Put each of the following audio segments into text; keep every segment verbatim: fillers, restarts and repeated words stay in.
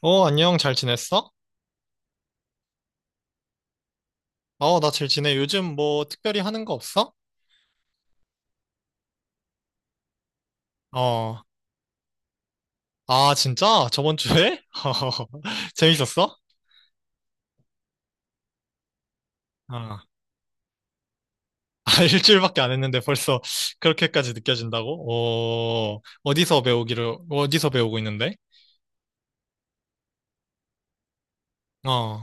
어, 안녕, 잘 지냈어? 어, 나 잘 지내. 요즘 뭐 특별히 하는 거 없어? 어, 아, 진짜? 저번 주에? 재밌었어? 아, 일주일밖에 안 했는데 벌써 그렇게까지 느껴진다고? 어, 어디서 배우기를, 어디서 배우고 있는데? 어,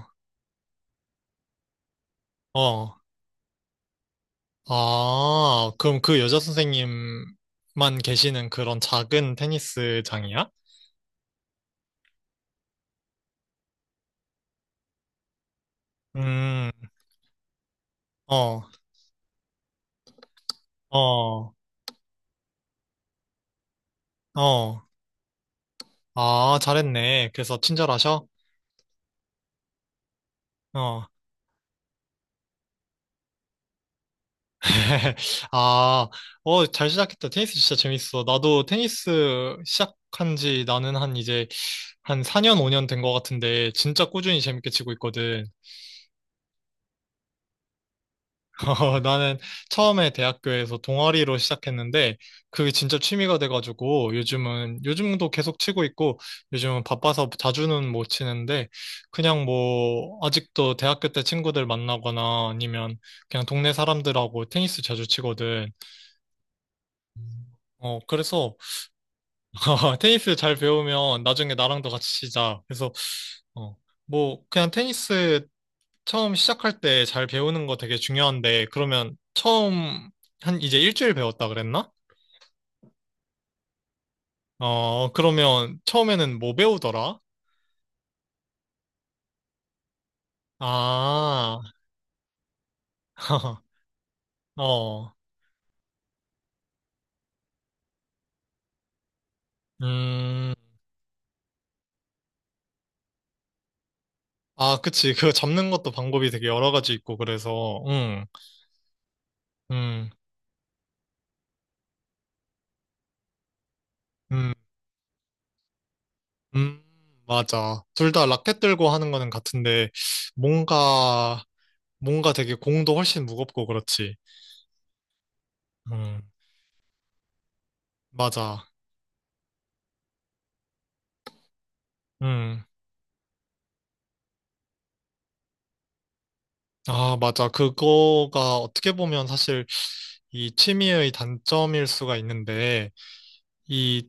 어, 아, 그럼 그 여자 선생님만 계시는 그런 작은 테니스장이야? 음, 어, 어, 어, 아, 잘했네. 그래서 친절하셔? 어. 아, 어, 잘 시작했다. 테니스 진짜 재밌어. 나도 테니스 시작한 지 나는 한 이제 한 사 년, 오 년 된 것 같은데 진짜 꾸준히 재밌게 치고 있거든. 어, 나는 처음에 대학교에서 동아리로 시작했는데 그게 진짜 취미가 돼가지고 요즘은, 요즘도 계속 치고 있고 요즘은 바빠서 자주는 못 치는데 그냥 뭐 아직도 대학교 때 친구들 만나거나 아니면 그냥 동네 사람들하고 테니스 자주 치거든. 어, 그래서 테니스 잘 배우면 나중에 나랑도 같이 치자. 그래서 어, 뭐 그냥 테니스 처음 시작할 때 잘 배우는 거 되게 중요한데 그러면 처음 한 이제 일주일 배웠다 그랬나? 어, 그러면 처음에는 뭐 배우더라? 아, 어, 음, 아, 그치. 그 잡는 것도 방법이 되게 여러 가지 있고 그래서 응, 음, 음, 음, 맞아. 둘 다 라켓 들고 하는 거는 같은데 뭔가 뭔가 되게 공도 훨씬 무겁고 그렇지. 음, 맞아. 음, 아, 맞아. 그거가 어떻게 보면 사실 이 취미의 단점일 수가 있는데, 이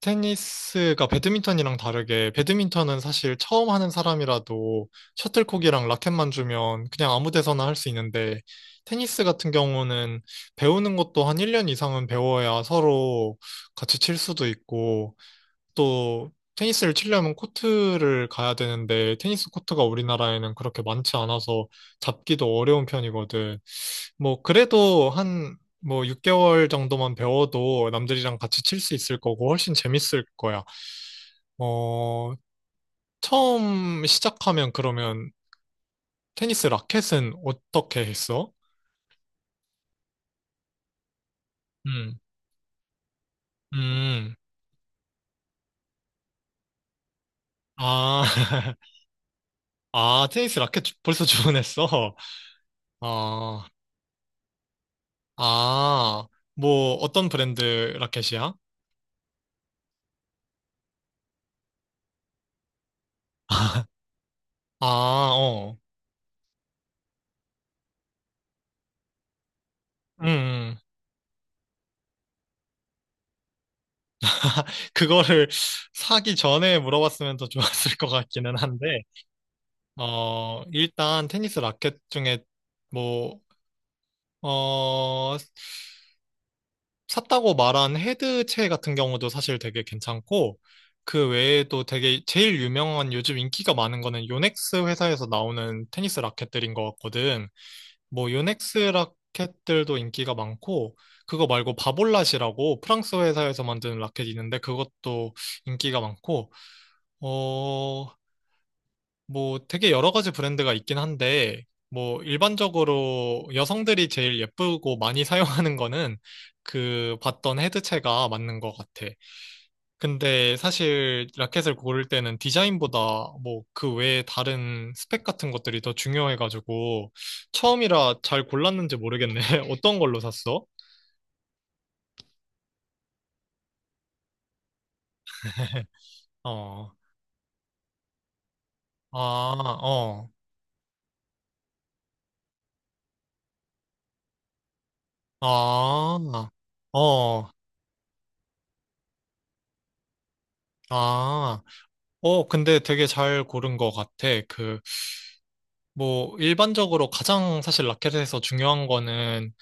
테니스가 배드민턴이랑 다르게, 배드민턴은 사실 처음 하는 사람이라도 셔틀콕이랑 라켓만 주면 그냥 아무 데서나 할 수 있는데, 테니스 같은 경우는 배우는 것도 한 일 년 이상은 배워야 서로 같이 칠 수도 있고, 또 테니스를 치려면 코트를 가야 되는데 테니스 코트가 우리나라에는 그렇게 많지 않아서 잡기도 어려운 편이거든. 뭐 그래도 한 뭐 육 개월 정도만 배워도 남들이랑 같이 칠 수 있을 거고 훨씬 재밌을 거야. 어, 처음 시작하면 그러면 테니스 라켓은 어떻게 했어? 음. 음. 아. 아, 테니스 라켓 벌써 주문했어. 아. 아, 뭐, 어떤 브랜드 라켓이야? 아, 어. 음, 음. 그거를 사기 전에 물어봤으면 더 좋았을 것 같기는 한데, 어, 일단 테니스 라켓 중에 뭐, 어, 샀다고 말한 헤드체 같은 경우도 사실 되게 괜찮고, 그 외에도 되게 제일 유명한 요즘 인기가 많은 거는 요넥스 회사에서 나오는 테니스 라켓들인 것 같거든. 뭐 요넥스 라켓들도 인기가 많고 그거 말고 바볼랏이라고 프랑스 회사에서 만드는 라켓이 있는데 그것도 인기가 많고 어 뭐 되게 여러 가지 브랜드가 있긴 한데 뭐 일반적으로 여성들이 제일 예쁘고 많이 사용하는 거는 그 봤던 헤드체가 맞는 것 같아. 근데 사실 라켓을 고를 때는 디자인보다 뭐 그 외에 다른 스펙 같은 것들이 더 중요해가지고 처음이라 잘 골랐는지 모르겠네. 어떤 걸로 샀어? 어, 아, 어, 아, 어, 아, 어, 근데 되게 잘 고른 것 같아. 그, 뭐, 일반적으로 가장 사실 라켓에서 중요한 거는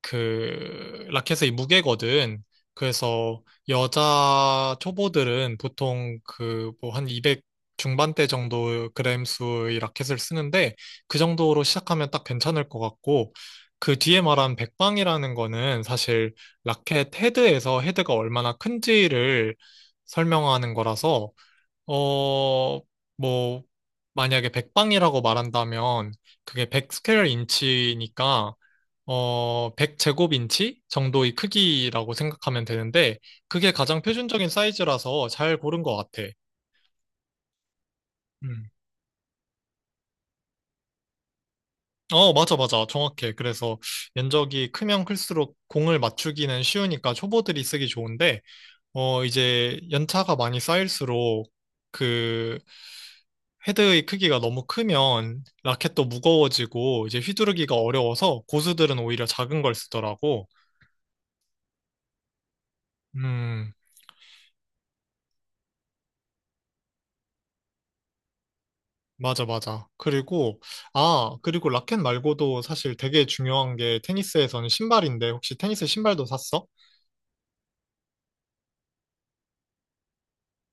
그 라켓의 무게거든. 그래서 여자 초보들은 보통 그 뭐 한 이백 중반대 정도 그램 수의 라켓을 쓰는데 그 정도로 시작하면 딱 괜찮을 것 같고 그 뒤에 말한 백방이라는 거는 사실 라켓 헤드에서 헤드가 얼마나 큰지를 설명하는 거라서 어 뭐 만약에 백방이라고 말한다면 그게 백 스퀘어 인치니까 어, 백 제곱 인치 정도의 크기라고 생각하면 되는데, 그게 가장 표준적인 사이즈라서 잘 고른 것 같아. 음. 어, 맞아, 맞아. 정확해. 그래서 면적이 크면 클수록 공을 맞추기는 쉬우니까 초보들이 쓰기 좋은데, 어, 이제 연차가 많이 쌓일수록 그 헤드의 크기가 너무 크면 라켓도 무거워지고 이제 휘두르기가 어려워서 고수들은 오히려 작은 걸 쓰더라고. 음, 맞아, 맞아. 그리고, 아, 그리고 라켓 말고도 사실 되게 중요한 게 테니스에서는 신발인데, 혹시 테니스 신발도 샀어?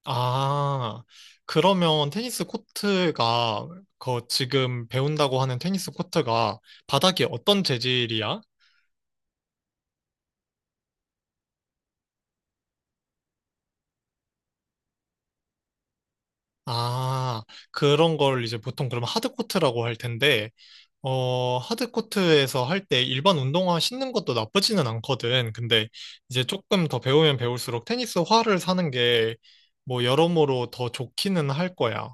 아, 그러면 테니스 코트가, 그 지금 배운다고 하는 테니스 코트가 바닥이 어떤 재질이야? 아, 그런 걸 이제 보통 그럼 하드 코트라고 할 텐데, 어, 하드코트에서 할 때 일반 운동화 신는 것도 나쁘지는 않거든. 근데 이제 조금 더 배우면 배울수록 테니스화를 사는 게 뭐 여러모로 더 좋기는 할 거야.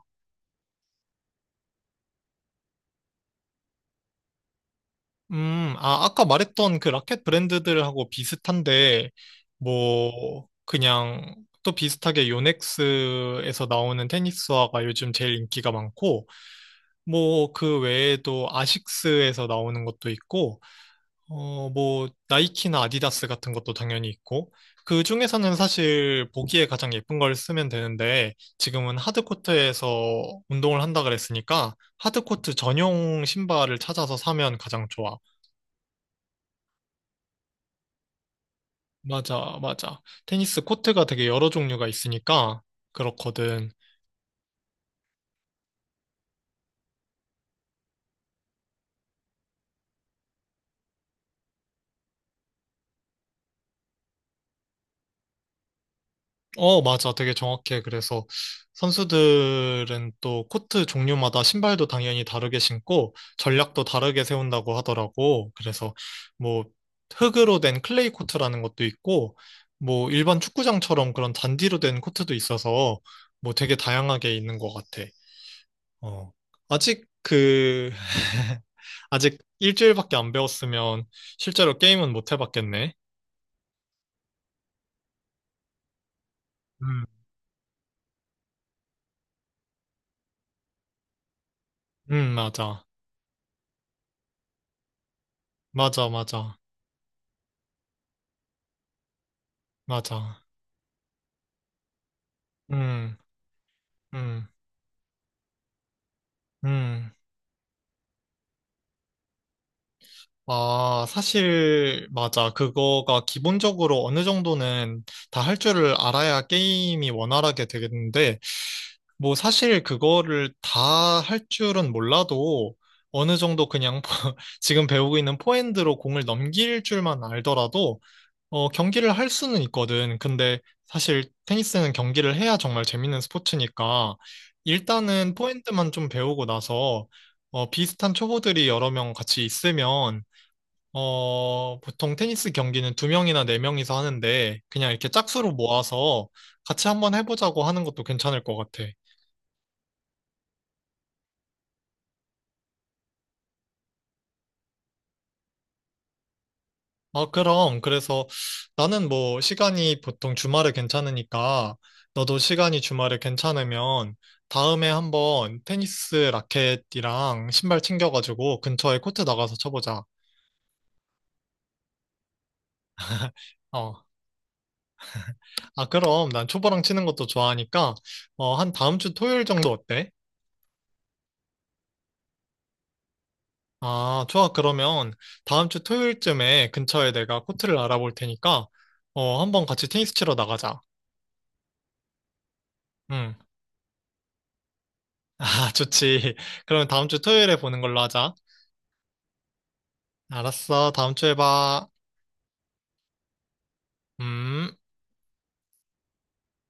음, 아, 아까 말했던 그 라켓 브랜드들하고 비슷한데, 뭐, 그냥 또 비슷하게 요넥스에서 나오는 테니스화가 요즘 제일 인기가 많고, 뭐, 그 외에도 아식스에서 나오는 것도 있고, 어, 뭐, 나이키나 아디다스 같은 것도 당연히 있고, 그 중에서는 사실 보기에 가장 예쁜 걸 쓰면 되는데, 지금은 하드코트에서 운동을 한다 그랬으니까, 하드코트 전용 신발을 찾아서 사면 가장 좋아. 맞아, 맞아. 테니스 코트가 되게 여러 종류가 있으니까, 그렇거든. 어, 맞아. 되게 정확해. 그래서 선수들은 또 코트 종류마다 신발도 당연히 다르게 신고 전략도 다르게 세운다고 하더라고. 그래서 뭐 흙으로 된 클레이 코트라는 것도 있고 뭐 일반 축구장처럼 그런 잔디로 된 코트도 있어서 뭐 되게 다양하게 있는 것 같아. 어. 아직 그, 아직 일주일밖에 안 배웠으면 실제로 게임은 못 해봤겠네. 음, 음, 맞아. 맞아, 맞아. 맞아. 음. 음, 음. 아, 사실, 맞아. 그거가 기본적으로 어느 정도는 다 할 줄을 알아야 게임이 원활하게 되겠는데, 뭐 사실 그거를 다 할 줄은 몰라도 어느 정도 그냥 지금 배우고 있는 포핸드로 공을 넘길 줄만 알더라도 어, 경기를 할 수는 있거든. 근데 사실 테니스는 경기를 해야 정말 재밌는 스포츠니까 일단은 포핸드만 좀 배우고 나서 어, 비슷한 초보들이 여러 명 같이 있으면 어, 보통 테니스 경기는 두 명이나 네 명이서 하는데 그냥 이렇게 짝수로 모아서 같이 한번 해보자고 하는 것도 괜찮을 것 같아. 아, 그럼. 그래서 나는 뭐 시간이 보통 주말에 괜찮으니까 너도 시간이 주말에 괜찮으면 다음에 한번 테니스 라켓이랑 신발 챙겨가지고 근처에 코트 나가서 쳐보자. 어. 아, 그럼 난 초보랑 치는 것도 좋아하니까 어, 한 다음 주 토요일 정도 어때? 아, 좋아. 그러면 다음 주 토요일쯤에 근처에 내가 코트를 알아볼 테니까 어, 한번 같이 테니스 치러 나가자. 응. 아, 좋지. 그러면 다음 주 토요일에 보는 걸로 하자. 알았어. 다음 주에 봐. 음.